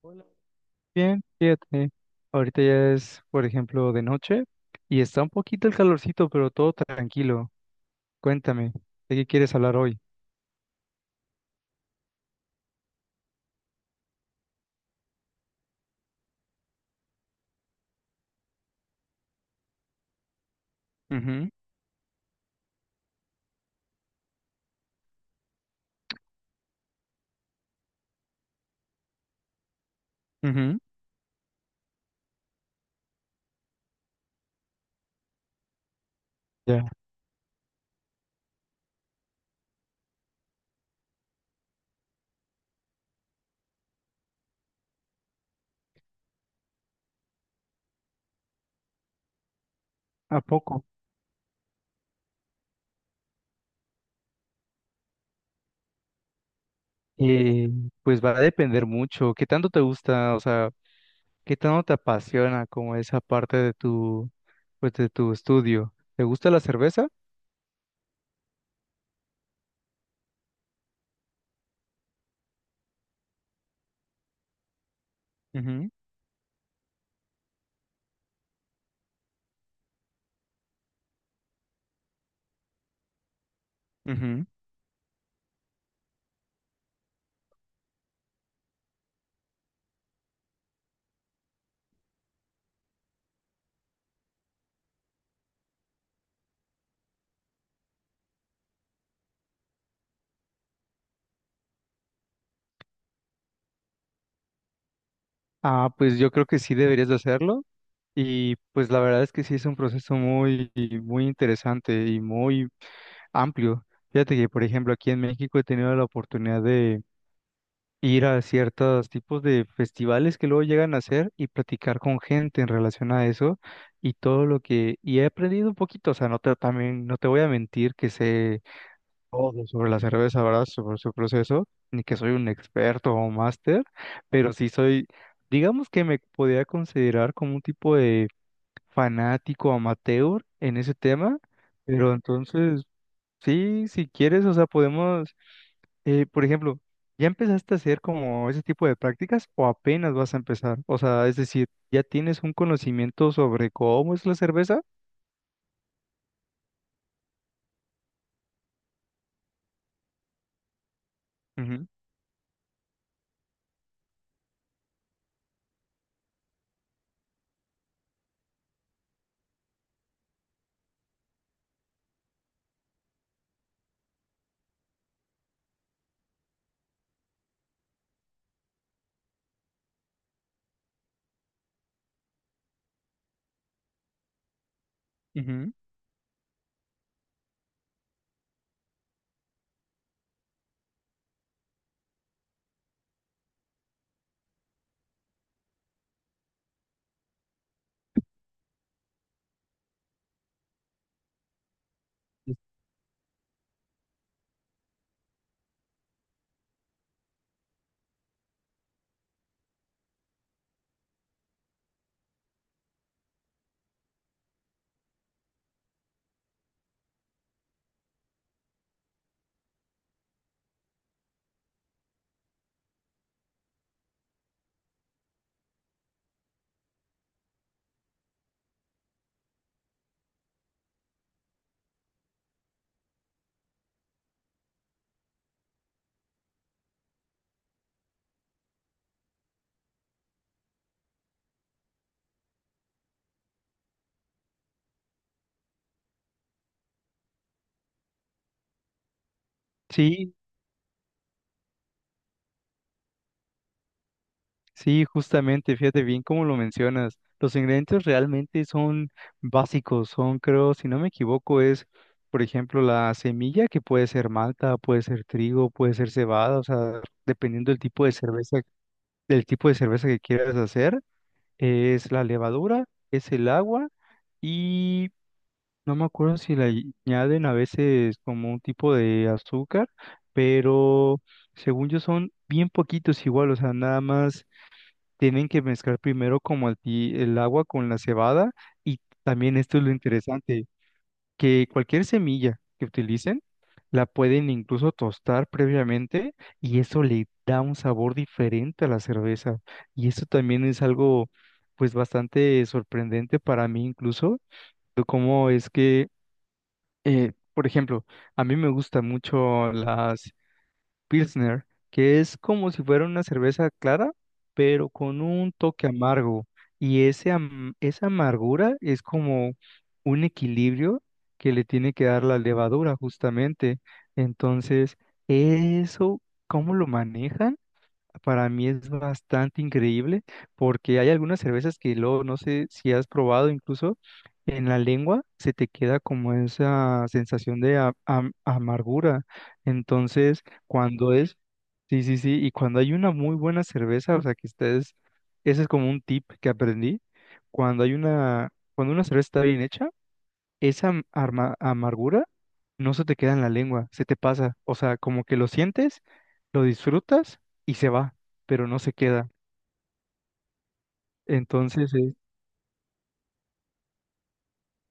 Hola. Bien, fíjate. Ahorita ya es, por ejemplo, de noche y está un poquito el calorcito, pero todo tranquilo. Cuéntame, ¿de qué quieres hablar hoy? Ujú, ujú. Ya. ¿A poco? Eh, pues va a depender mucho. ¿Qué tanto te gusta? O sea, ¿qué tanto te apasiona como esa parte de tu, pues, de tu estudio? ¿Te gusta la cerveza? Ujú, ujú. Ah, pues yo creo que sí deberías de hacerlo. Y pues la verdad es que sí es un proceso muy interesante y muy amplio. Fíjate que, por ejemplo, aquí en México he tenido la oportunidad de ir a ciertos tipos de festivales que luego llegan a hacer y platicar con gente en relación a eso y todo lo que... Y he aprendido un poquito, o sea, no te, también, no te voy a mentir que sé todo sobre la cerveza, ¿verdad? Sobre su proceso, ni que soy un experto o máster, pero sí soy, digamos que me podría considerar como un tipo de fanático amateur en ese tema. Pero entonces, sí, si quieres, o sea, podemos, por ejemplo, ¿ya empezaste a hacer como ese tipo de prácticas o apenas vas a empezar? O sea, es decir, ¿ya tienes un conocimiento sobre cómo es la cerveza? Ujú, ujú. Sí, sí, justamente, fíjate bien cómo lo mencionas. Los ingredientes realmente son básicos, son, creo, si no me equivoco, es, por ejemplo, la semilla, que puede ser malta, puede ser trigo, puede ser cebada, o sea, dependiendo del tipo de cerveza, que quieras hacer. Es la levadura, es el agua y no me acuerdo si le añaden a veces como un tipo de azúcar, pero según yo son bien poquitos igual, o sea, nada más tienen que mezclar primero como el agua con la cebada y también esto es lo interesante, que cualquier semilla que utilicen la pueden incluso tostar previamente y eso le da un sabor diferente a la cerveza. Y eso también es algo pues bastante sorprendente para mí incluso, de cómo es que, por ejemplo, a mí me gusta mucho las Pilsner, que es como si fuera una cerveza clara, pero con un toque amargo. Y esa amargura es como un equilibrio que le tiene que dar la levadura, justamente. Entonces, eso, ¿cómo lo manejan? Para mí es bastante increíble porque hay algunas cervezas que luego no sé si has probado incluso en la lengua se te queda como esa sensación de amargura. Entonces, cuando es, sí, y cuando hay una muy buena cerveza, o sea que ustedes, ese es como un tip que aprendí, cuando hay una, cuando una cerveza está bien hecha, esa amargura no se te queda en la lengua, se te pasa. O sea, como que lo sientes, lo disfrutas y se va, pero no se queda. Entonces,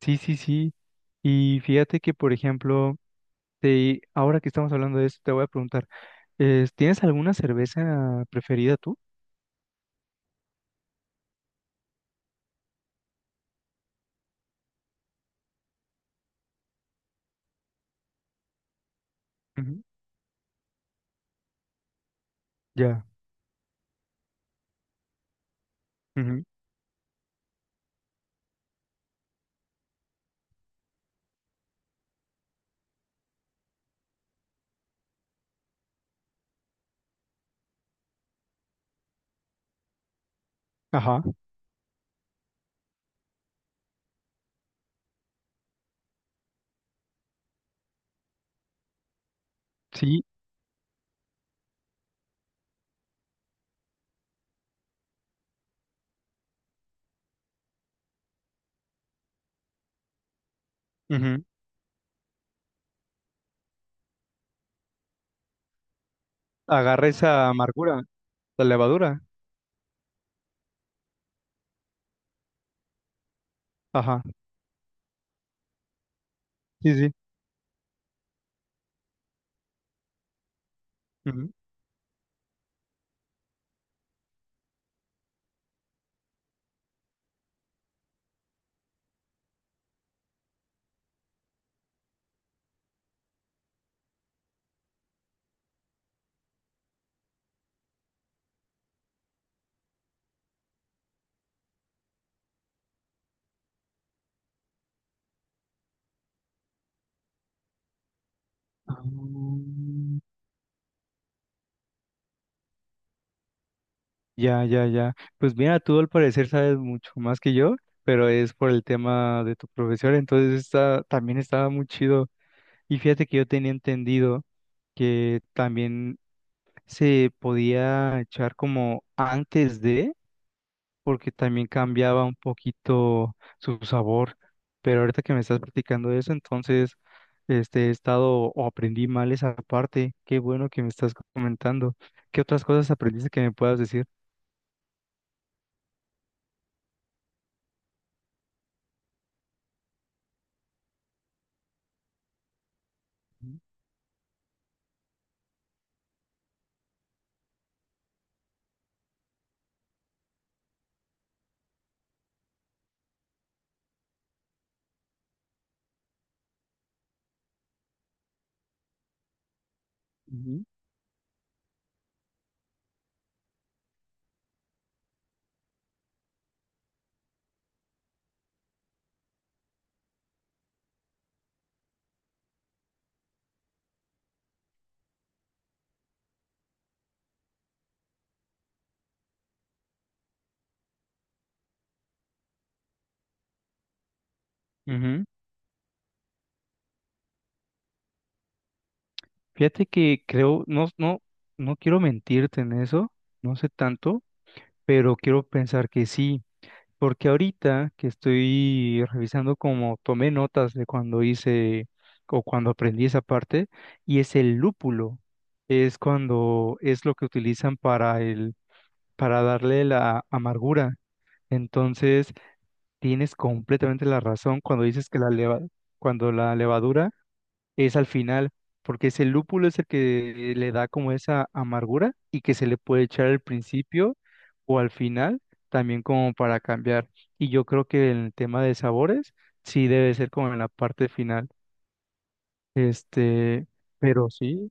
sí. Y fíjate que, por ejemplo, te, ahora que estamos hablando de esto, te voy a preguntar, ¿tienes alguna cerveza preferida tú? Ujú. Ya. Ujú. Ajá. Sí. Ujú. Agarra esa amargura, la levadura. Ajá. Sí, sí. Ujú. Ah, ya. Pues mira, tú al parecer sabes mucho más que yo, pero es por el tema de tu profesor, entonces está, también estaba muy chido. Y fíjate que yo tenía entendido que también se podía echar como antes de, porque también cambiaba un poquito su sabor. Pero ahorita que me estás platicando eso, entonces este, he estado o aprendí mal esa parte. Qué bueno que me estás comentando. ¿Qué otras cosas aprendiste que me puedas decir? Ujú. Ujú. Fíjate que creo, no, no quiero mentirte en eso, no sé tanto, pero quiero pensar que sí, porque ahorita que estoy revisando como tomé notas de cuando hice o cuando aprendí esa parte, y es el lúpulo, es cuando es lo que utilizan para darle la amargura. Entonces, tienes completamente la razón cuando dices que cuando la levadura es al final, porque ese lúpulo es el que le da como esa amargura y que se le puede echar al principio o al final, también como para cambiar. Y yo creo que el tema de sabores sí debe ser como en la parte final. Este, pero sí,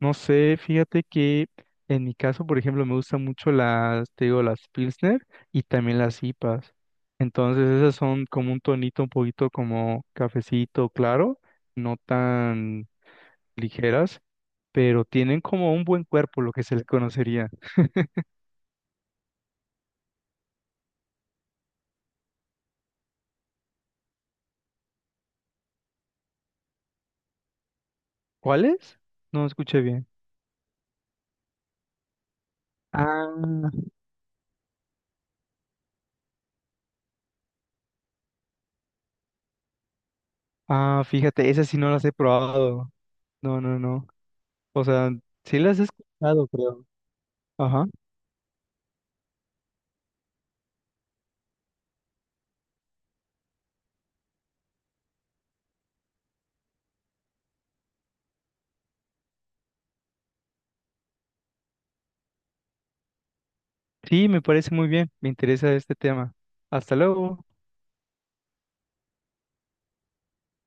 no sé, fíjate que en mi caso, por ejemplo, me gustan mucho las, te digo, las Pilsner y también las IPAs. Entonces esas son como un tonito un poquito como cafecito claro, no tan ligeras pero tienen como un buen cuerpo, lo que se le conocería. ¿Cuáles? No escuché bien. Ah, ah, fíjate, esas sí no las he probado. No. O sea, sí las he escuchado, creo. Ajá. Sí, me parece muy bien. Me interesa este tema. Hasta luego.